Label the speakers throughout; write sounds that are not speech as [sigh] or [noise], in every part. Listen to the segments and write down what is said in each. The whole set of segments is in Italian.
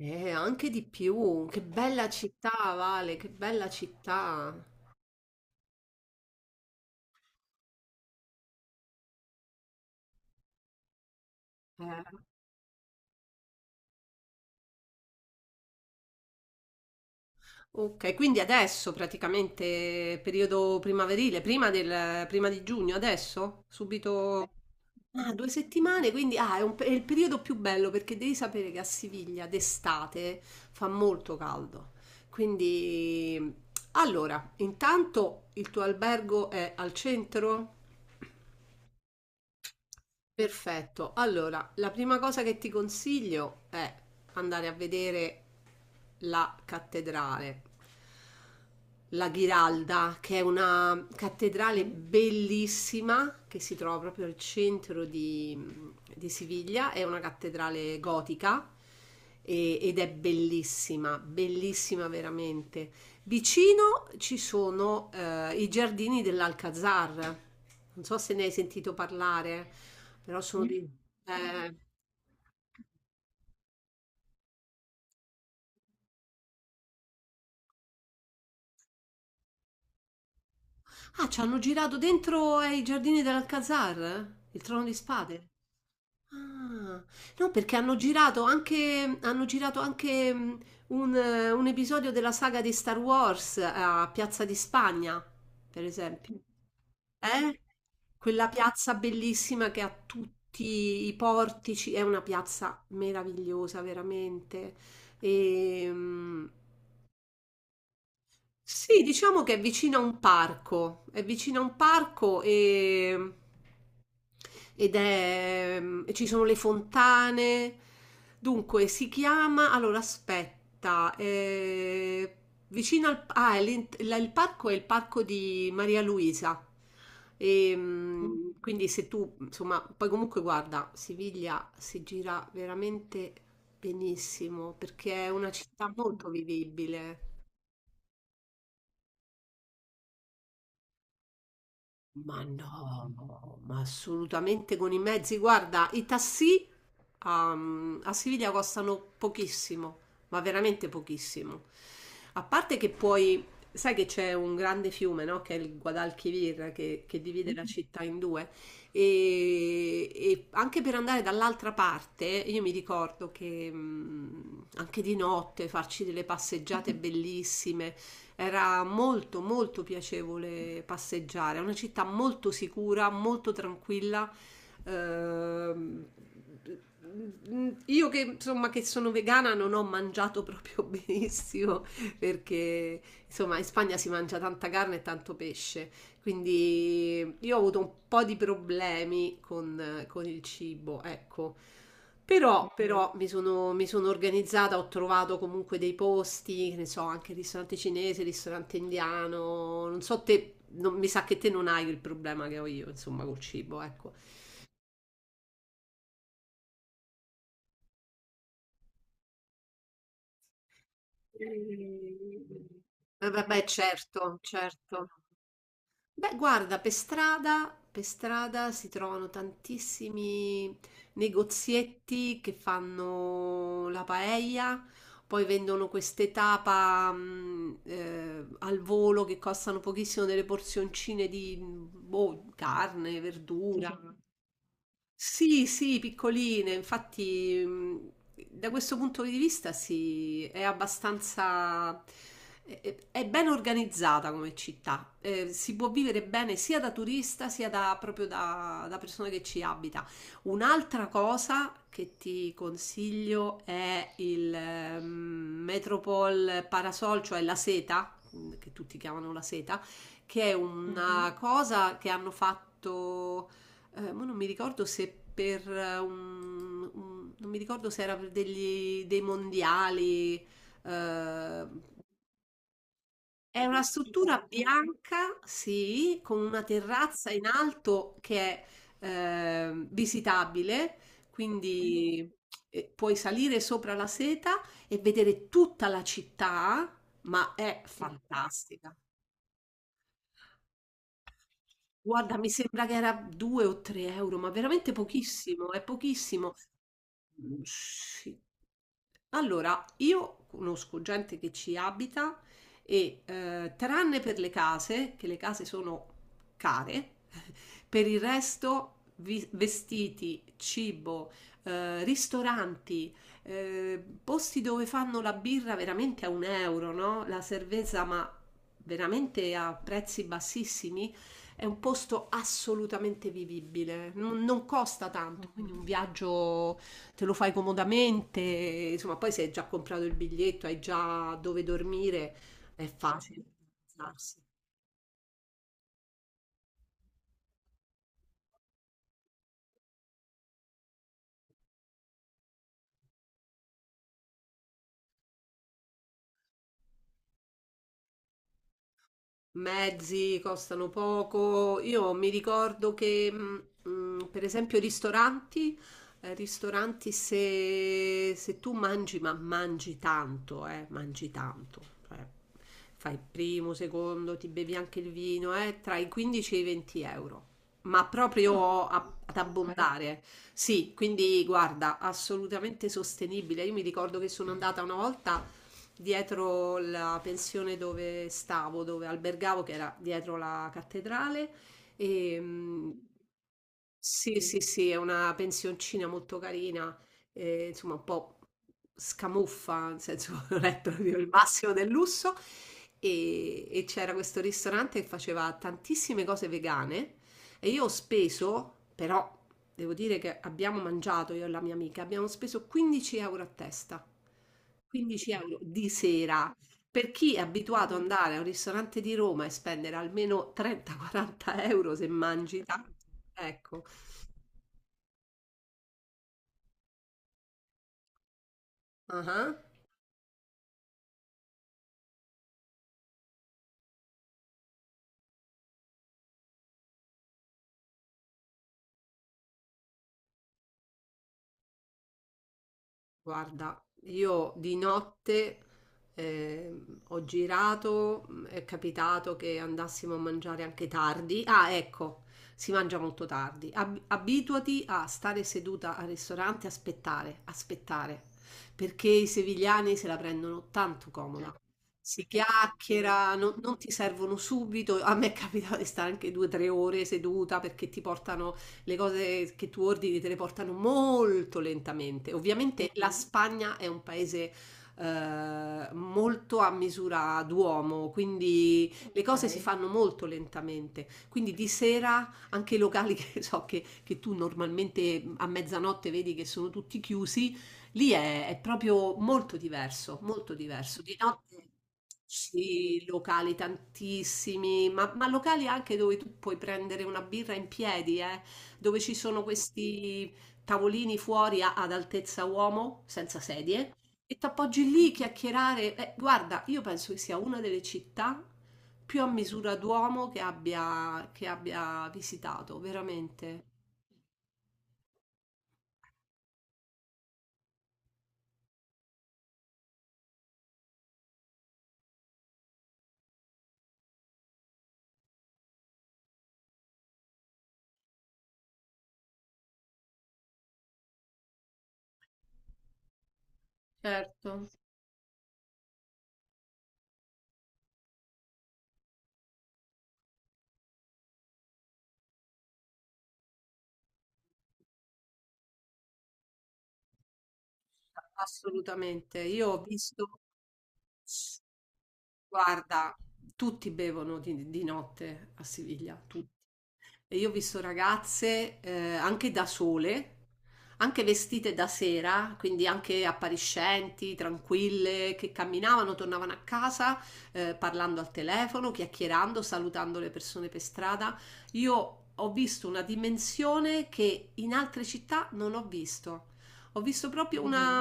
Speaker 1: Anche di più, che bella città, Vale, che bella città. Eh, ok, quindi adesso praticamente periodo primaverile, prima di giugno, adesso? Subito? Ah, 2 settimane, quindi è il periodo più bello perché devi sapere che a Siviglia d'estate fa molto caldo. Quindi, allora, intanto il tuo albergo è al centro? Perfetto. Allora, la prima cosa che ti consiglio è andare a vedere la cattedrale, la Giralda, che è una cattedrale bellissima che si trova proprio al centro di Siviglia. È una cattedrale gotica ed è bellissima, bellissima veramente. Vicino ci sono i giardini dell'Alcazar. Non so se ne hai sentito parlare, però sono di... eh, Ah, ci hanno girato dentro ai giardini dell'Alcazar? Il Trono di Spade? Ah, no, perché hanno girato anche un episodio della saga di Star Wars a Piazza di Spagna, per esempio. Eh? Quella piazza bellissima che ha tutti i portici, è una piazza meravigliosa, veramente. E, sì, diciamo che è vicino a un parco, è vicino a un parco e... ed è... e ci sono le fontane. Dunque, si chiama... Allora, aspetta, vicino al... Ah, è il parco è il parco di Maria Luisa. E, quindi se tu, insomma, poi comunque guarda, Siviglia si gira veramente benissimo perché è una città molto vivibile. Ma no, ma assolutamente con i mezzi. Guarda, i tassì a Siviglia costano pochissimo, ma veramente pochissimo. A parte che sai che c'è un grande fiume, no? Che è il Guadalquivir, che divide la città in due. E anche per andare dall'altra parte, io mi ricordo che anche di notte farci delle passeggiate bellissime, era molto molto piacevole passeggiare. È una città molto sicura, molto tranquilla. Ehm, io che insomma che sono vegana non ho mangiato proprio [laughs] benissimo perché insomma in Spagna si mangia tanta carne e tanto pesce, quindi io ho avuto un po' di problemi con il cibo, ecco. Però mi sono organizzata, ho trovato comunque dei posti, che ne so, anche il ristorante cinese, il ristorante indiano, non so te, mi sa che te non hai il problema che ho io, insomma, col cibo, ecco. Vabbè, certo, certo. Beh, guarda, per strada si trovano tantissimi negozietti che fanno la paella, poi vendono queste tapa al volo che costano pochissimo delle porzioncine di boh, carne, verdura. Sì, sì, piccoline, infatti da questo punto di vista sì, è abbastanza, è ben organizzata come città, si può vivere bene sia da turista sia da persona che ci abita. Un'altra cosa che ti consiglio è il Metropol Parasol, cioè la seta, che tutti chiamano la seta, che è una cosa che hanno fatto mo non mi ricordo se per non mi ricordo se era per dei mondiali. Eh, è una struttura bianca, sì, con una terrazza in alto che è visitabile, quindi puoi salire sopra la seta e vedere tutta la città, ma è fantastica. Guarda, mi sembra che era 2 o 3 euro, ma veramente pochissimo, è pochissimo. Mhmm, sì. Allora, io conosco gente che ci abita e, tranne per le case, che le case sono care, [laughs] per il resto vi vestiti, cibo, ristoranti, posti dove fanno la birra veramente a 1 €, no, la cervesa, ma veramente a prezzi bassissimi, è un posto assolutamente vivibile. Non costa tanto, quindi un viaggio te lo fai comodamente, insomma, poi se hai già comprato il biglietto, hai già dove dormire, è facile. Mezzi costano poco. Io mi ricordo che, per esempio, ristoranti se tu mangi, ma mangi tanto, cioè, fai il primo, secondo, ti bevi anche il vino, tra i 15 e i 20 euro. Ma proprio ad abbondare, sì, quindi guarda, assolutamente sostenibile. Io mi ricordo che sono andata una volta dietro la pensione dove stavo, dove albergavo, che era dietro la cattedrale. E, sì, sì, sì, è una pensioncina molto carina, insomma un po' scamuffa, nel senso [laughs] non è proprio il massimo del lusso. E c'era questo ristorante che faceva tantissime cose vegane e io ho speso, però devo dire che abbiamo mangiato io e la mia amica, abbiamo speso 15 euro a testa. 15 euro di sera. Per chi è abituato ad andare a un ristorante di Roma e spendere almeno 30-40 euro se mangi tanto, ecco. Ah. Guarda, io di notte ho girato, è capitato che andassimo a mangiare anche tardi. Ah, ecco, si mangia molto tardi. Abituati a stare seduta al ristorante, aspettare, aspettare, perché i sevigliani se la prendono tanto comoda. Si chiacchiera, non ti servono subito. A me è capitato di stare anche 2 o 3 ore seduta perché ti portano le cose che tu ordini te le portano molto lentamente. Ovviamente la Spagna è un paese molto a misura d'uomo, quindi le cose si fanno molto lentamente. Quindi di sera anche i locali [laughs] che so che tu normalmente a mezzanotte vedi che sono tutti chiusi, lì è proprio molto diverso, molto diverso. Di notte sì, locali tantissimi, ma locali anche dove tu puoi prendere una birra in piedi, dove ci sono questi tavolini fuori ad altezza uomo, senza sedie, e t'appoggi lì chiacchierare. Guarda, io penso che sia una delle città più a misura d'uomo che abbia visitato, veramente. Certo. Assolutamente. Io ho visto. Guarda, tutti bevono di notte a Siviglia, tutti. E io ho visto ragazze anche da sole, anche vestite da sera, quindi anche appariscenti, tranquille, che camminavano, tornavano a casa parlando al telefono, chiacchierando, salutando le persone per strada. Io ho visto una dimensione che in altre città non ho visto. Ho visto proprio una,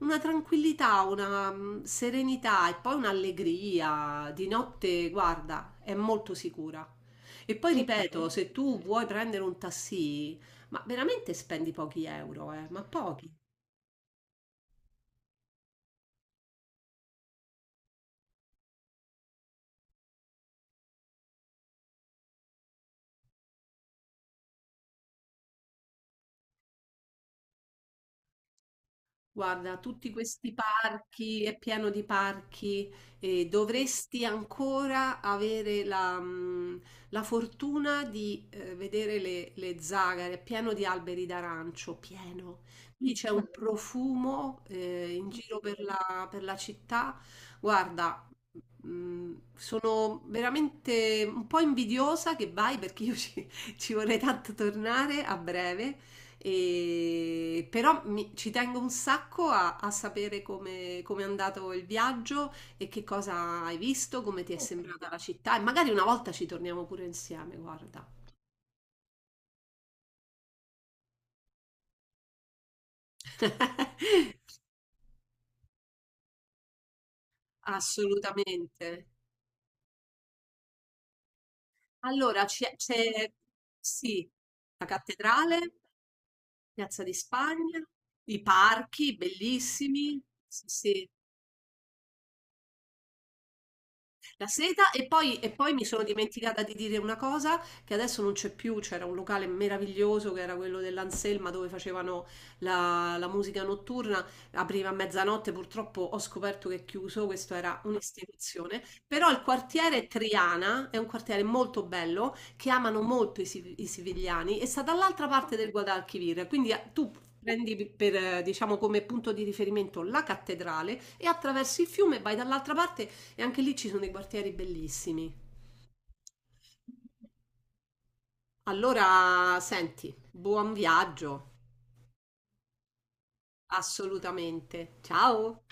Speaker 1: una tranquillità, una serenità e poi un'allegria di notte, guarda, è molto sicura. E poi ripeto, se tu vuoi prendere un taxi, ma veramente spendi pochi euro, ma pochi. Guarda, tutti questi parchi, è pieno di parchi, e dovresti ancora avere la fortuna di vedere le zagare, è pieno di alberi d'arancio, pieno. Lì c'è un profumo in giro per la città. Guarda, sono veramente un po' invidiosa che vai perché io ci, [laughs] ci vorrei tanto tornare a breve. Però ci tengo un sacco a sapere come è andato il viaggio e che cosa hai visto, come ti è sembrata la città e magari una volta ci torniamo pure insieme, guarda. [laughs] Assolutamente. Allora, sì, la cattedrale, Piazza di Spagna, i parchi bellissimi, sì, sì. La seta e poi mi sono dimenticata di dire una cosa che adesso non c'è più, c'era un locale meraviglioso che era quello dell'Anselma dove facevano la musica notturna, apriva a mezzanotte, purtroppo ho scoperto che è chiuso, questo era un'istituzione, però il quartiere Triana è un quartiere molto bello che amano molto i sivigliani e sta dall'altra parte del Guadalquivir, quindi tu prendi per, diciamo, come punto di riferimento la cattedrale e attraversi il fiume vai dall'altra parte e anche lì ci sono dei quartieri bellissimi. Allora, senti, buon viaggio, assolutamente. Ciao!